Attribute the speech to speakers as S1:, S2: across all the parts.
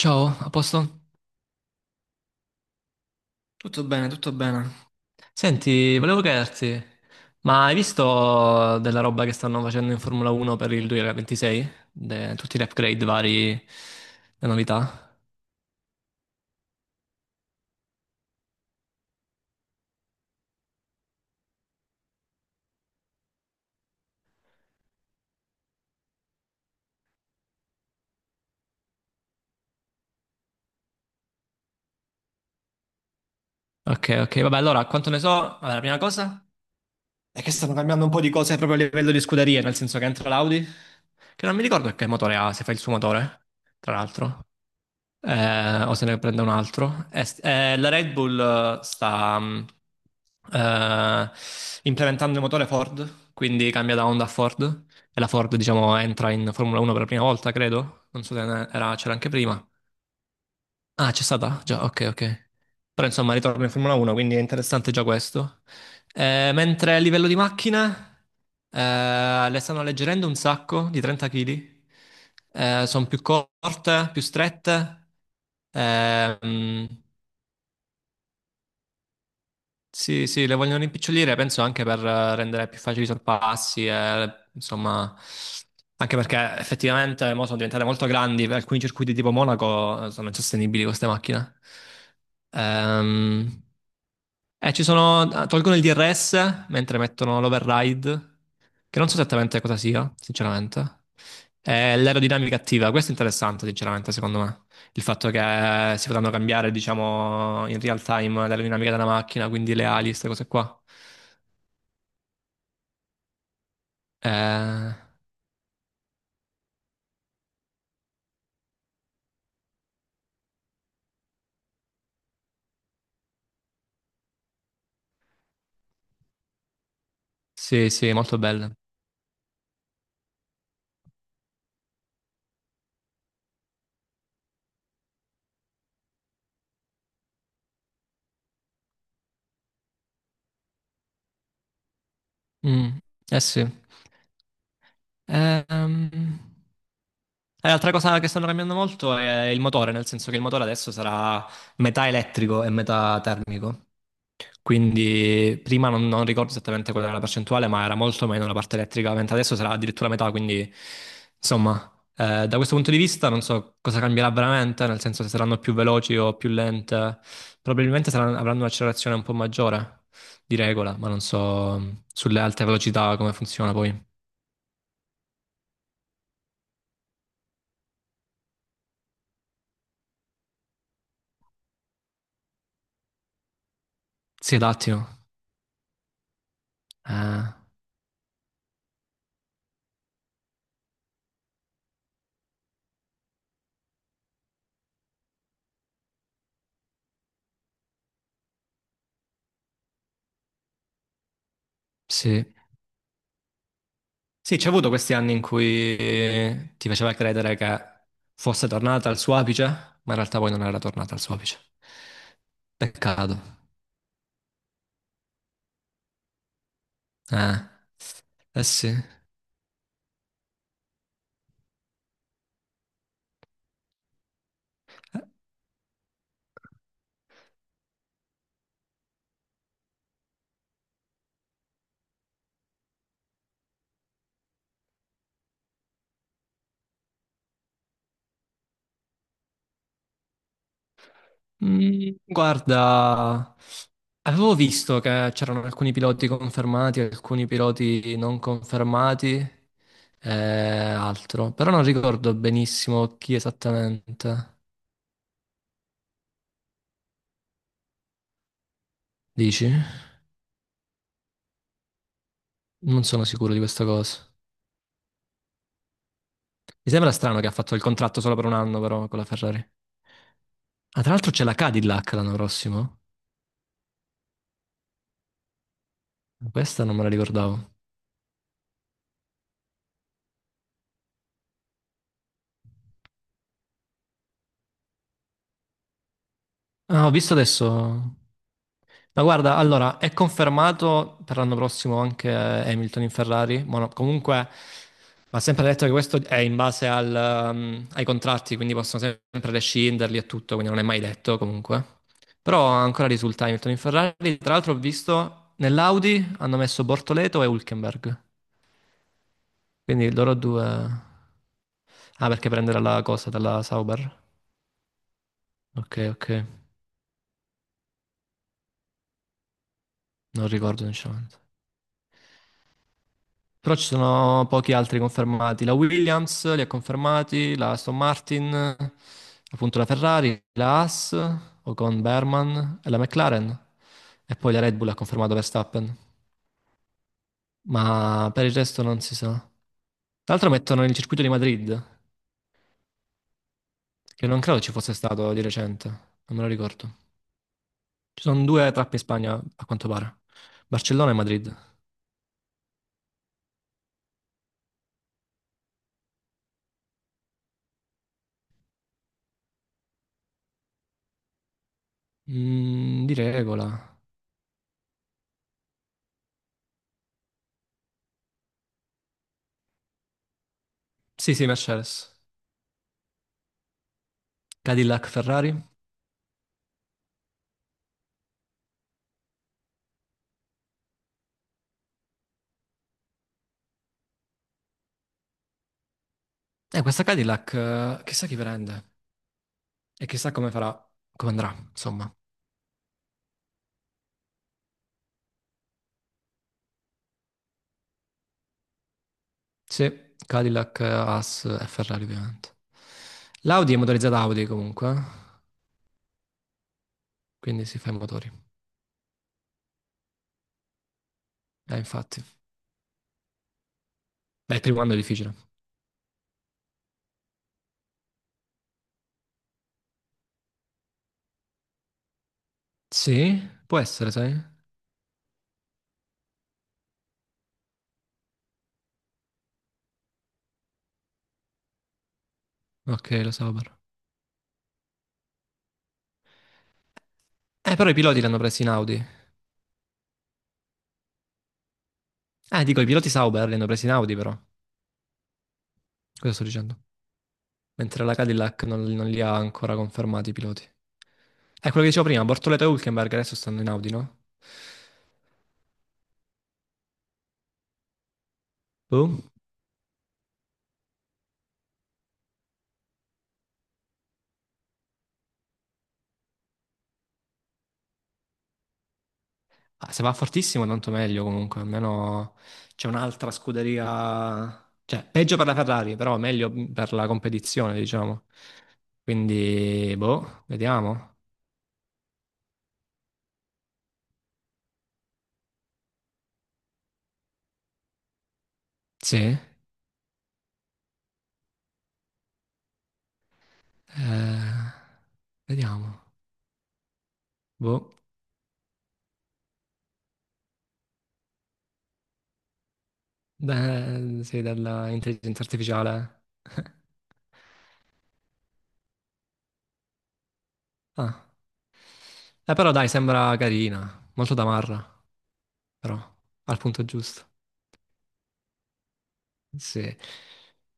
S1: Ciao, a posto? Tutto bene, tutto bene. Senti, volevo chiederti, ma hai visto della roba che stanno facendo in Formula 1 per il 2026? Tutti gli upgrade vari, le novità? Ok, ok, vabbè, allora, quanto ne so? Allora, la prima cosa è che stanno cambiando un po' di cose proprio a livello di scuderie, nel senso che entra l'Audi, che non mi ricordo che motore ha, se fa il suo motore, tra l'altro. O se ne prende un altro. La Red Bull sta eh, implementando il motore Ford, quindi cambia da Honda a Ford. E la Ford, diciamo, entra in Formula 1 per la prima volta, credo. Non so se ne- era- c'era anche prima. Ah, c'è stata? Già, ok, ok. Però insomma, ritorno in Formula 1, quindi è interessante già questo. Mentre a livello di macchine, le stanno alleggerendo un sacco di 30 kg. Sono più corte, più strette. Ehm, sì, sì, le vogliono rimpicciolire, penso anche per rendere più facili i sorpassi, e, insomma, anche perché effettivamente mo sono diventate molto grandi, per alcuni circuiti tipo Monaco sono insostenibili queste macchine. Ehm, e ci sono, tolgono il DRS mentre mettono l'override, che non so esattamente cosa sia, sinceramente. E l'aerodinamica attiva, questo è interessante, sinceramente, secondo me il fatto che si potranno cambiare, diciamo, in real time l'aerodinamica della macchina, quindi le ali, queste cose qua. Eh, sì, sì, molto belle. Mm, eh sì. Ehm, E l'altra cosa che stanno cambiando molto è il motore, nel senso che il motore adesso sarà metà elettrico e metà termico. Quindi prima non ricordo esattamente qual era la percentuale, ma era molto meno la parte elettrica, mentre adesso sarà addirittura metà, quindi insomma, da questo punto di vista non so cosa cambierà veramente, nel senso se saranno più veloci o più lente, probabilmente avranno un'accelerazione un po' maggiore di regola, ma non so sulle alte velocità come funziona poi. Si adattino. Eh, sì. Sì, c'è avuto questi anni in cui ti faceva credere che fosse tornata al suo apice, ma in realtà poi non era tornata al suo apice. Peccato. Eh, eh sì. Guarda, avevo visto che c'erano alcuni piloti confermati, alcuni piloti non confermati e altro, però non ricordo benissimo chi esattamente. Dici? Non sono sicuro di questa cosa. Mi sembra strano che ha fatto il contratto solo per un anno, però, con la Ferrari. Ah, tra l'altro c'è la Cadillac l'anno prossimo. Questa non me la ricordavo. Ah, ho visto adesso. Ma guarda, allora, è confermato per l'anno prossimo anche Hamilton in Ferrari. Ma no, comunque, va sempre detto che questo è in base al, ai contratti, quindi possono sempre rescinderli e tutto, quindi non è mai detto comunque. Però ancora risulta Hamilton in Ferrari. Tra l'altro ho visto nell'Audi hanno messo Bortoleto e Hülkenberg. Quindi loro due... Ah, perché prendere la cosa dalla Sauber? Ok, ok, non ricordo sinceramente. Però ci sono pochi altri confermati. La Williams li ha confermati, la Aston Martin, appunto la Ferrari, la Haas, Ocon Berman e la McLaren. E poi la Red Bull ha confermato Verstappen. Ma per il resto non si sa. Tra l'altro mettono il circuito di Madrid, che non credo ci fosse stato di recente, non me lo ricordo. Ci sono due tappe in Spagna, a quanto pare. Barcellona e Madrid. Mm, di regola. Sì, sì, Mercedes. Cadillac, Ferrari. Questa Cadillac, chissà chi prende e chissà come farà, come andrà, insomma. Sì, Cadillac, Haas e Ferrari, ovviamente. L'Audi è motorizzata Audi, comunque, quindi si fa i motori. Infatti. Beh, il primo anno è difficile. Sì, può essere, sai? Ok, lo Sauber. Però i piloti li hanno presi in Audi. Dico, i piloti Sauber li hanno presi in Audi, però. Cosa sto dicendo? Mentre la Cadillac non li ha ancora confermati i piloti. È quello che dicevo prima, Bortoleto e Hülkenberg adesso stanno in Audi, no? Boom. Ah, se va fortissimo tanto meglio comunque, almeno c'è un'altra scuderia, cioè peggio per la Ferrari, però meglio per la competizione, diciamo. Quindi, boh, vediamo. Sì, vediamo. Boh, beh, sì, dell'intelligenza artificiale. Ah. Però dai, sembra carina, molto da Marra. Però al punto giusto. Sì.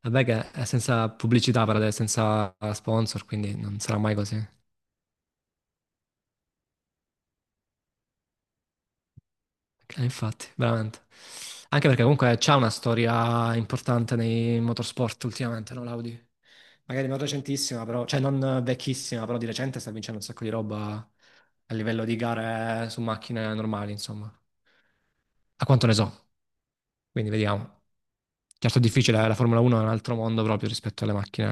S1: Vabbè che è senza pubblicità per adesso, senza sponsor, quindi non sarà mai così. Infatti, veramente. Anche perché comunque c'è una storia importante nei motorsport ultimamente, no, l'Audi? Magari non recentissima, però, cioè non vecchissima, però di recente sta vincendo un sacco di roba a livello di gare su macchine normali, insomma. A quanto ne so, quindi vediamo. Certo è difficile, la Formula 1 è un altro mondo proprio rispetto alle macchine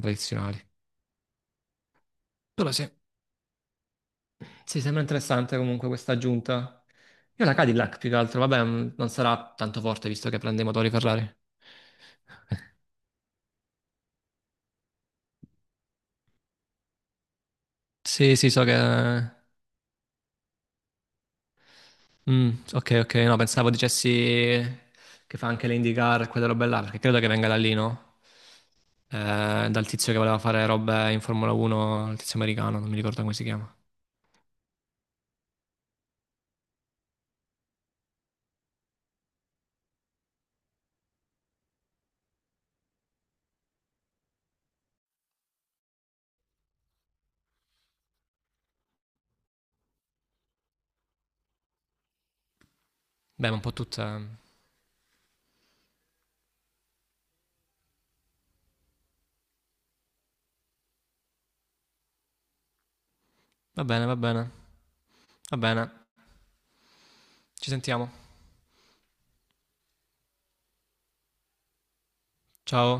S1: tradizionali. Però sì. Sì, sembra interessante comunque questa aggiunta. Io la Cadillac più che altro, vabbè, non sarà tanto forte visto che prende i motori Ferrari. Sì, sì, so che... Mm, ok, ok, no, pensavo dicessi che fa anche le IndyCar e quelle robe là, perché credo che venga da lì, no? Dal tizio che voleva fare robe in Formula 1, il tizio americano, non mi ricordo come si chiama. Beh, ma un po' tutte.... Va bene, va bene, va bene. Ci sentiamo. Ciao.